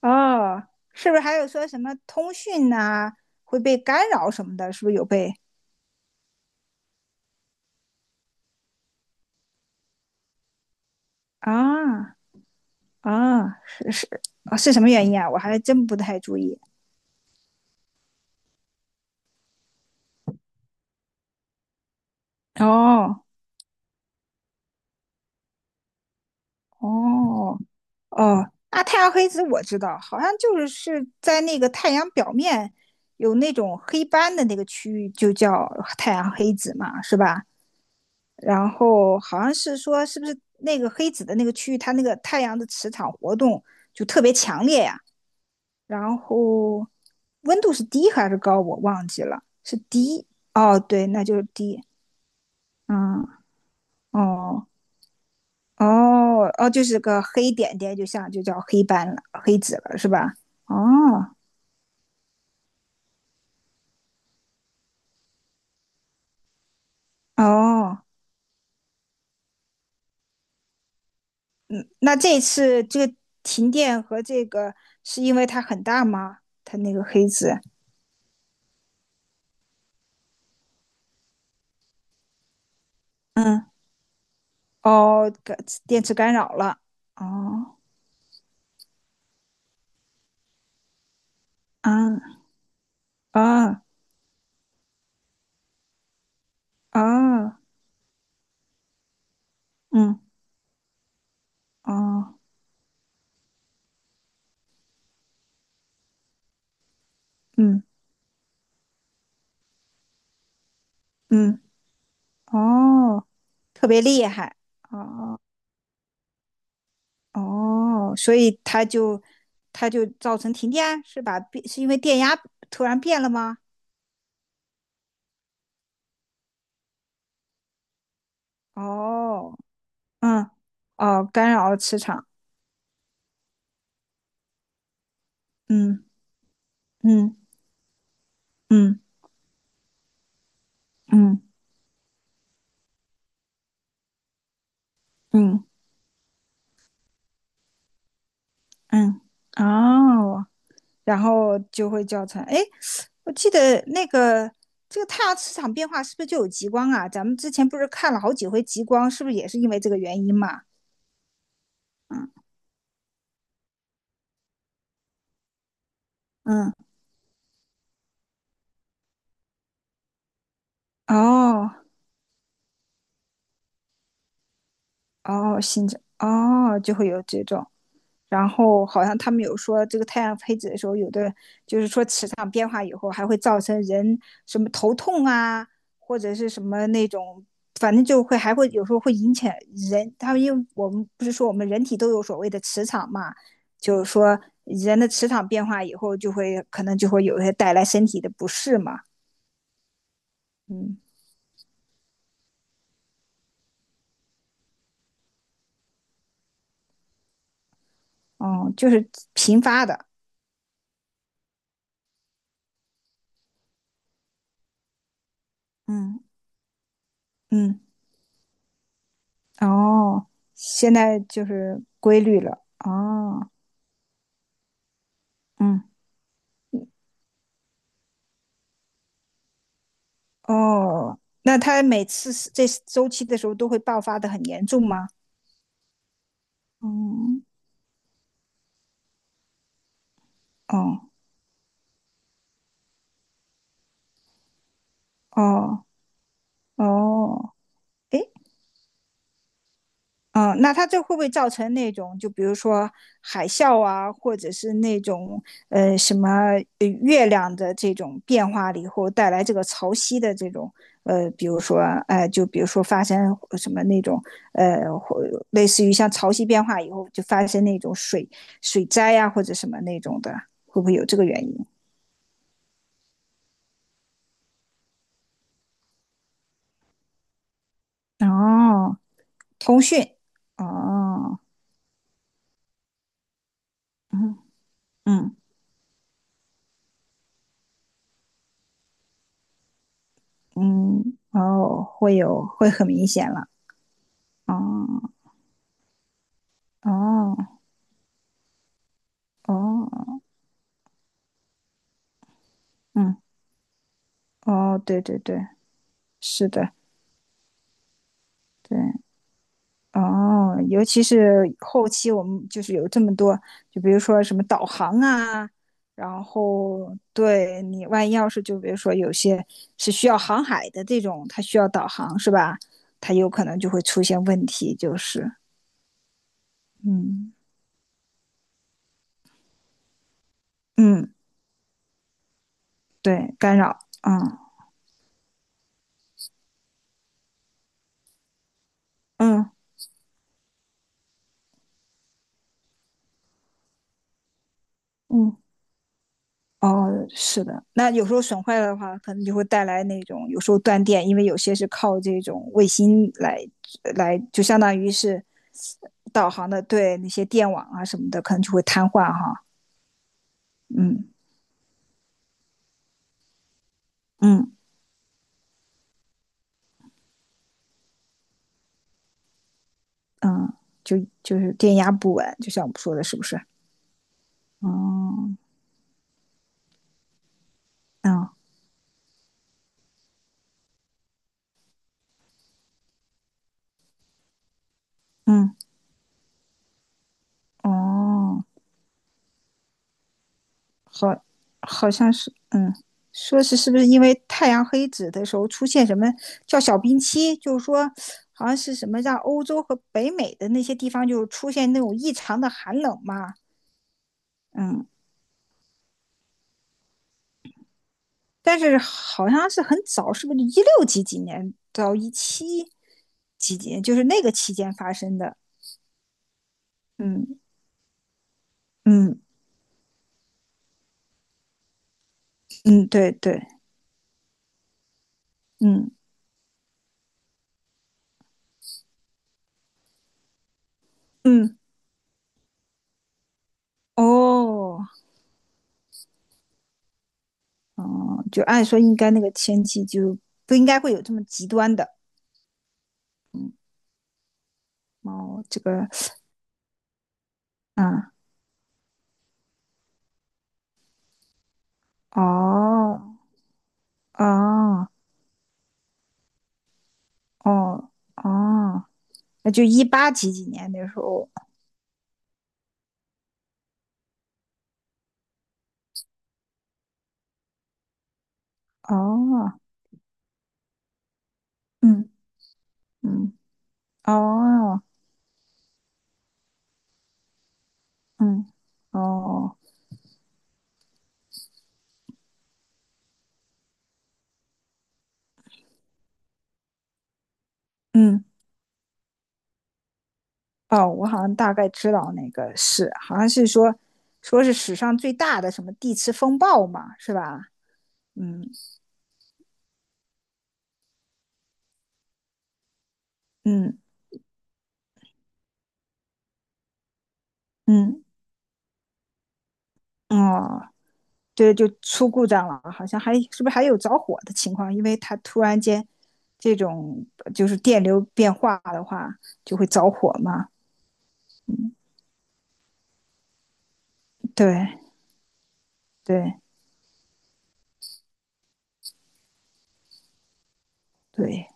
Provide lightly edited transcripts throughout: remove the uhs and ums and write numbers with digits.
哦，是不是还有说什么通讯呐、会被干扰什么的？是不是有被啊啊？是是啊，是什么原因啊？我还真不太注意。哦哦哦，那太阳黑子我知道，好像就是在那个太阳表面有那种黑斑的那个区域，就叫太阳黑子嘛，是吧？然后好像是说，是不是那个黑子的那个区域，它那个太阳的磁场活动就特别强烈呀、然后温度是低还是高？我忘记了，是低。哦，对，那就是低。嗯，哦，哦，哦，就是个黑点点，就像就叫黑斑了，黑子了，是吧？哦，哦，那这次这个停电和这个是因为它很大吗？它那个黑子，嗯，哦，干电池干扰了。哦，啊啊啊，嗯，哦，嗯嗯，哦。特别厉害。哦哦，所以它就造成停电，是吧？变是因为电压突然变了吗？哦，嗯，哦，干扰了磁场。嗯嗯嗯嗯嗯嗯，哦，然后就会造成。哎，我记得那个这个太阳磁场变化是不是就有极光啊？咱们之前不是看了好几回极光，是不是也是因为这个原因嘛？嗯嗯，哦哦，新疆哦，就会有这种。然后好像他们有说，这个太阳黑子的时候，有的就是说磁场变化以后，还会造成人什么头痛啊，或者是什么那种，反正就会还会有时候会引起人。他们因为我们不是说我们人体都有所谓的磁场嘛，就是说人的磁场变化以后，就会可能就会有一些带来身体的不适嘛。嗯，哦，就是频发的。嗯嗯。哦，现在就是规律了。哦，嗯，哦，那他每次是这周期的时候都会爆发的很严重吗？嗯，哦，哦，哦，诶，嗯，那它这会不会造成那种，就比如说海啸啊，或者是那种什么月亮的这种变化了以后带来这个潮汐的这种比如说就比如说发生什么那种或类似于像潮汐变化以后就发生那种水灾呀、或者什么那种的，会不会有这个原因？哦，通讯，哦，嗯嗯嗯，哦，会很明显了，哦。哦哦，嗯，哦，对对对，是的，对，哦，尤其是后期我们就是有这么多，就比如说什么导航啊，然后对你万一要是就比如说有些是需要航海的这种，它需要导航是吧？它有可能就会出现问题，就是，嗯嗯，对，干扰，嗯嗯嗯。哦，是的，那有时候损坏了的话，可能就会带来那种有时候断电，因为有些是靠这种卫星来就相当于是导航的，对那些电网啊什么的，可能就会瘫痪哈。嗯嗯嗯，就就是电压不稳，就像我们说的，是不是？哦，嗯嗯哦。好，好像是，嗯，说是不是因为太阳黑子的时候出现什么叫小冰期，就是说好像是什么让欧洲和北美的那些地方就出现那种异常的寒冷嘛，嗯，但是好像是很早，是不是一六几几年到一七几几年，就是那个期间发生的，嗯嗯嗯，对对，嗯嗯，哦哦，就按说应该那个天气就不应该会有这么极端的。哦，这个，嗯，哦，哦，哦，哦，那就一八几几年那时候，哦，嗯，嗯，哦，嗯，哦，嗯，哦，我好像大概知道那个是，好像是说，说是史上最大的什么地磁风暴嘛，是吧？嗯，嗯，嗯，嗯哦。对，就出故障了，好像还是不是还有着火的情况？因为它突然间这种就是电流变化的话，就会着火嘛。对对对，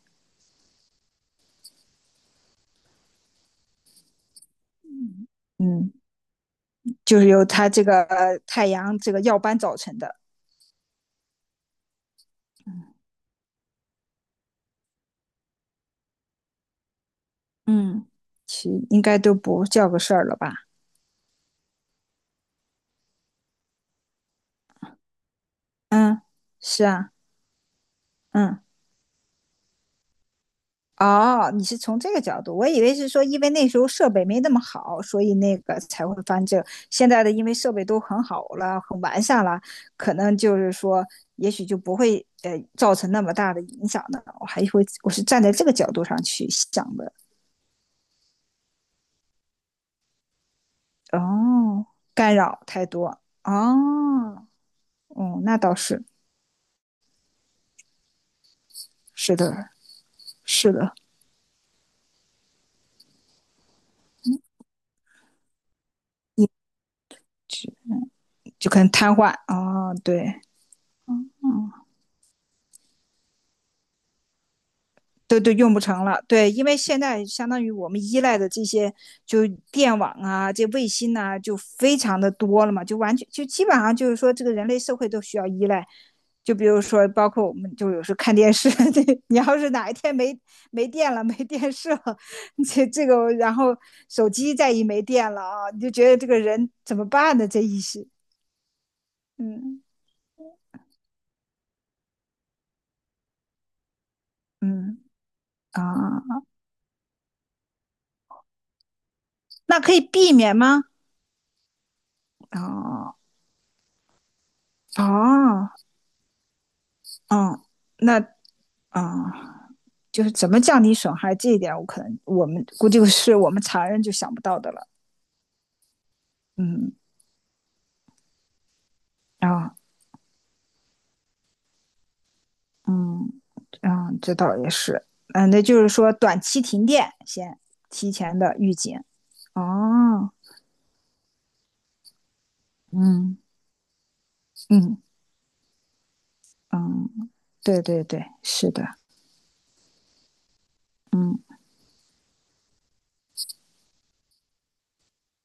嗯，就是由它这个太阳这个耀斑造成的。嗯，其应该都不叫个事儿了吧？嗯，是啊，嗯。哦，你是从这个角度，我以为是说，因为那时候设备没那么好，所以那个才会翻这个现在的因为设备都很好了，很完善了，可能就是说，也许就不会造成那么大的影响的。我还会，我是站在这个角度上去想的。哦，干扰太多。哦，哦，那倒是，是的，是的，一直，就可能瘫痪。哦，对，嗯。都用不成了。对，因为现在相当于我们依赖的这些，就电网啊，这卫星呐、啊就非常的多了嘛，就完全就基本上就是说，这个人类社会都需要依赖。就比如说，包括我们就有时候看电视，这你要是哪一天没电了，没电视了，这个，然后手机再一没电了啊，你就觉得这个人怎么办呢？这意思，嗯嗯啊，那可以避免吗？哦哦哦，那啊，嗯就是怎么降低损害这一点，我可能我们估计是我们常人就想不到的了。嗯啊嗯啊，嗯这倒也是。嗯，那就是说短期停电先提前的预警。哦，嗯嗯嗯，对对对，是的，嗯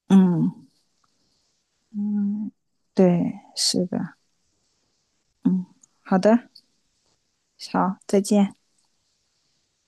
嗯嗯，对，是的，嗯，好的，好，再见。